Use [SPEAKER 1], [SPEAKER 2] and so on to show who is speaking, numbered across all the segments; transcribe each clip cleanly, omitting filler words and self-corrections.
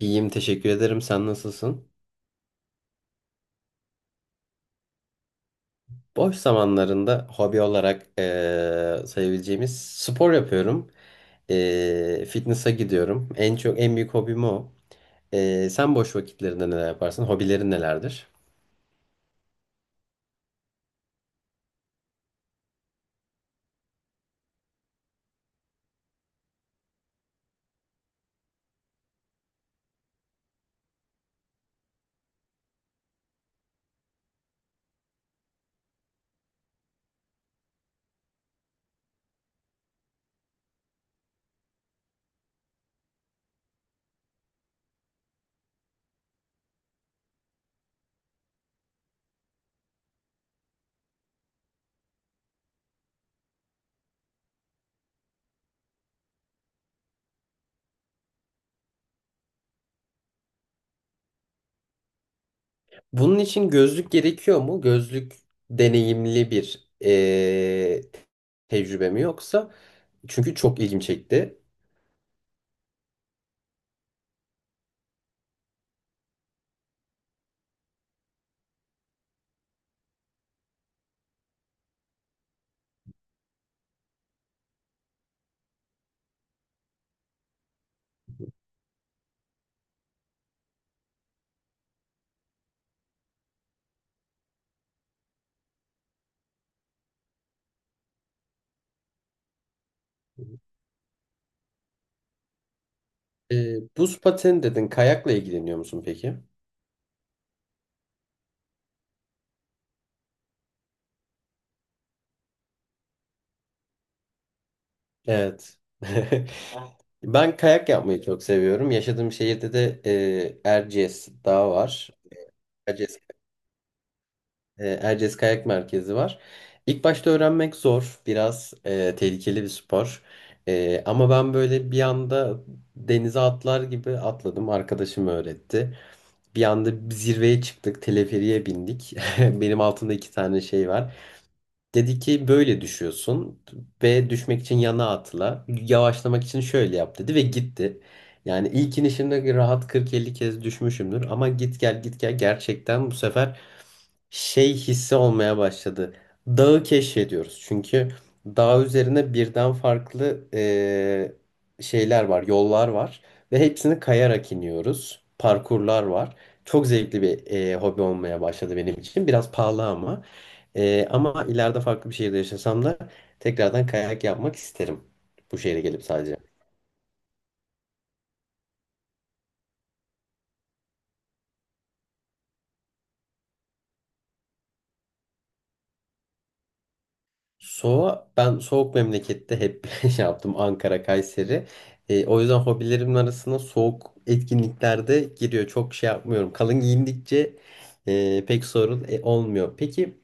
[SPEAKER 1] İyiyim, teşekkür ederim. Sen nasılsın? Boş zamanlarında hobi olarak sayabileceğimiz spor yapıyorum. Fitness'a gidiyorum. En çok en büyük hobim o. Sen boş vakitlerinde neler yaparsın? Hobilerin nelerdir? Bunun için gözlük gerekiyor mu? Gözlük deneyimli bir tecrübe mi yoksa? Çünkü çok ilgim çekti. Buz pateni dedin. Kayakla ilgileniyor musun peki? Evet. Ben kayak yapmayı çok seviyorum. Yaşadığım şehirde de Erciyes Dağı var. Erciyes, Erciyes Kayak Merkezi var. İlk başta öğrenmek zor. Biraz tehlikeli bir spor. Ama ben böyle bir anda denize atlar gibi atladım. Arkadaşım öğretti. Bir anda zirveye çıktık. Teleferiğe bindik. Benim altımda iki tane şey var. Dedi ki böyle düşüyorsun. B düşmek için yana atla. Yavaşlamak için şöyle yap dedi ve gitti. Yani ilk inişimde rahat 40-50 kez düşmüşümdür. Ama git gel git gel gerçekten bu sefer şey hissi olmaya başladı. Dağı keşfediyoruz. Çünkü dağ üzerine birden farklı şeyler var, yollar var ve hepsini kayarak iniyoruz. Parkurlar var. Çok zevkli bir hobi olmaya başladı benim için. Biraz pahalı ama ama ileride farklı bir şehirde yaşasam da tekrardan kayak yapmak isterim. Bu şehre gelip sadece. Soğuğa ben soğuk memlekette hep şey yaptım Ankara, Kayseri. O yüzden hobilerimin arasına soğuk etkinliklerde giriyor. Çok şey yapmıyorum. Kalın giyindikçe pek sorun olmuyor. Peki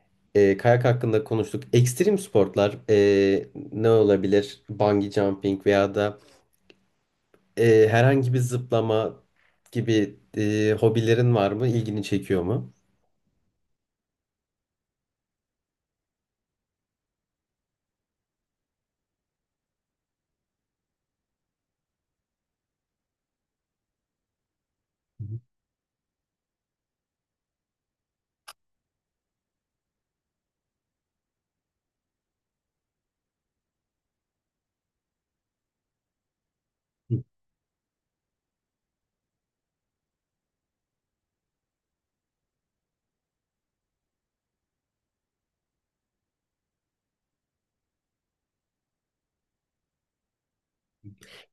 [SPEAKER 1] kayak hakkında konuştuk. Ekstrem sporlar ne olabilir? Bungee jumping veya da herhangi bir zıplama gibi hobilerin var mı? İlgini çekiyor mu? Hı hı.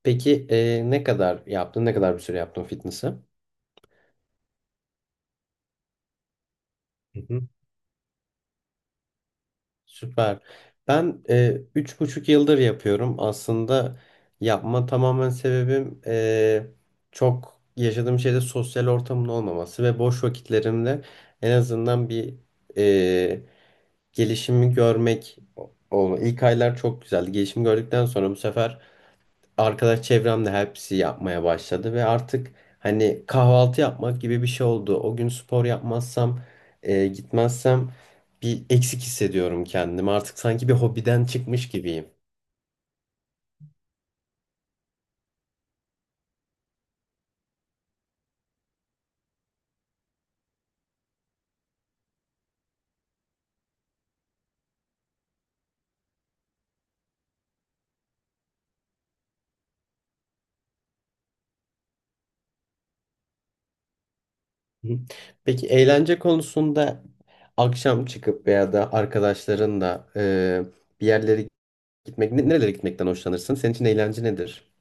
[SPEAKER 1] Peki ne kadar yaptın? Ne kadar bir süre yaptın fitness'ı? Süper. Ben üç buçuk yıldır yapıyorum. Aslında yapma tamamen sebebim çok yaşadığım şeyde sosyal ortamın olmaması ve boş vakitlerimde en azından bir e, gelişimi görmek oldu. İlk aylar çok güzeldi. Gelişimi gördükten sonra bu sefer arkadaş çevremde hepsi yapmaya başladı ve artık hani kahvaltı yapmak gibi bir şey oldu. O gün spor yapmazsam, gitmezsem bir eksik hissediyorum kendimi. Artık sanki bir hobiden çıkmış gibiyim. Hı. Peki eğlence konusunda akşam çıkıp veya da arkadaşlarınla bir yerlere gitmek, nerelere gitmekten hoşlanırsın? Senin için eğlence nedir?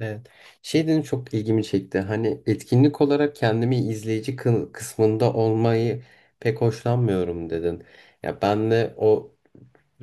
[SPEAKER 1] Evet. Şey dedim çok ilgimi çekti. Hani etkinlik olarak kendimi izleyici kısmında olmayı pek hoşlanmıyorum dedin. Ya ben de o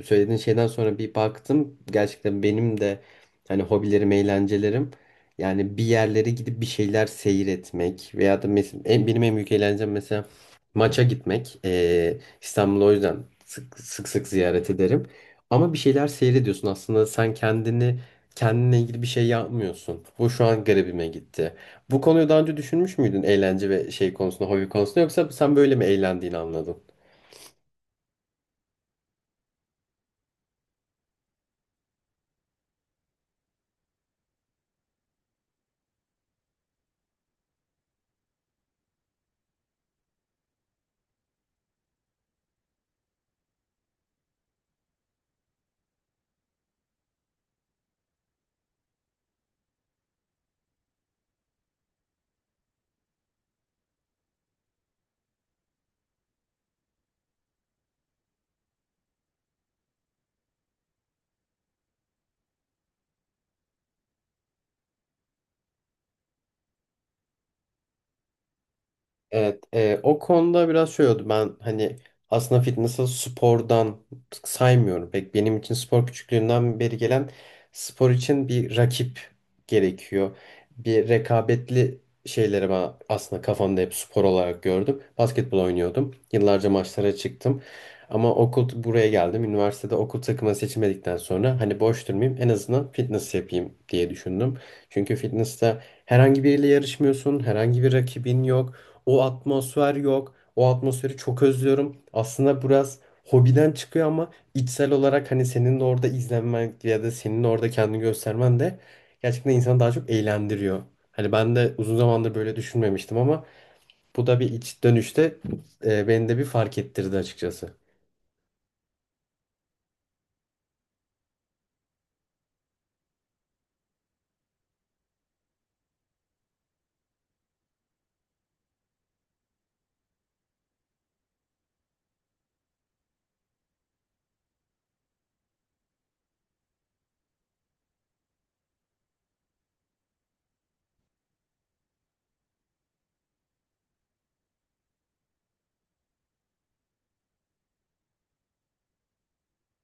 [SPEAKER 1] söylediğin şeyden sonra bir baktım. Gerçekten benim de hani hobilerim, eğlencelerim yani bir yerlere gidip bir şeyler seyretmek veya da benim en büyük eğlencem mesela maça gitmek. İstanbul'u o yüzden sık ziyaret ederim. Ama bir şeyler seyrediyorsun aslında sen kendini kendine ilgili bir şey yapmıyorsun. Bu şu an garibime gitti. Bu konuyu daha önce düşünmüş müydün eğlence ve şey konusunda, hobi konusunda yoksa sen böyle mi eğlendiğini anladın? Evet, o konuda biraz şey oldu. Ben hani aslında fitness'ı spordan saymıyorum. Pek benim için spor küçüklüğümden beri gelen spor için bir rakip gerekiyor. Bir rekabetli şeyleri ben aslında kafamda hep spor olarak gördüm. Basketbol oynuyordum. Yıllarca maçlara çıktım. Ama okul buraya geldim. Üniversitede okul takımı seçmedikten sonra hani boş durmayayım en azından fitness yapayım diye düşündüm. Çünkü fitness'te herhangi biriyle yarışmıyorsun. Herhangi bir rakibin yok. O atmosfer yok. O atmosferi çok özlüyorum. Aslında biraz hobiden çıkıyor ama içsel olarak hani senin de orada izlenmen ya da senin orada kendini göstermen de gerçekten insanı daha çok eğlendiriyor. Hani ben de uzun zamandır böyle düşünmemiştim ama bu da bir iç dönüşte beni de bir fark ettirdi açıkçası.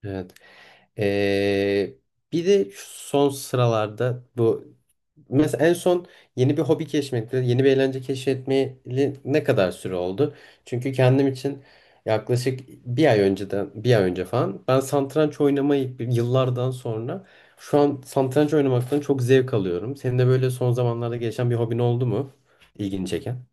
[SPEAKER 1] Evet. Ee, Bir de şu son sıralarda bu mesela en son yeni bir hobi keşfetmekle yeni bir eğlence keşfetmeli ne kadar süre oldu? Çünkü kendim için yaklaşık bir ay önceden bir ay önce falan ben satranç oynamayı yıllardan sonra şu an satranç oynamaktan çok zevk alıyorum. Senin de böyle son zamanlarda gelişen bir hobin oldu mu? İlgini çeken?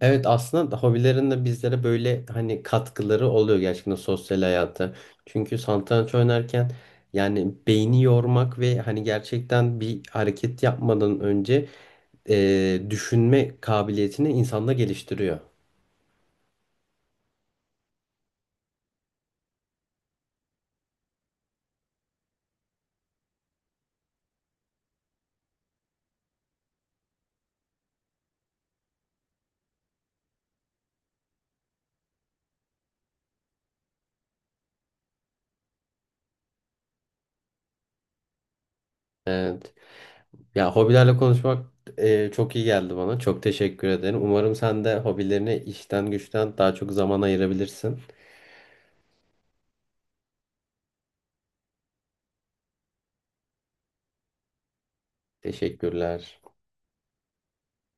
[SPEAKER 1] Evet aslında hobilerin de bizlere böyle hani katkıları oluyor gerçekten sosyal hayata. Çünkü satranç oynarken yani beyni yormak ve hani gerçekten bir hareket yapmadan önce düşünme kabiliyetini insanda geliştiriyor. Evet. Ya hobilerle konuşmak çok iyi geldi bana. Çok teşekkür ederim. Umarım sen de hobilerine işten güçten daha çok zaman ayırabilirsin. Teşekkürler.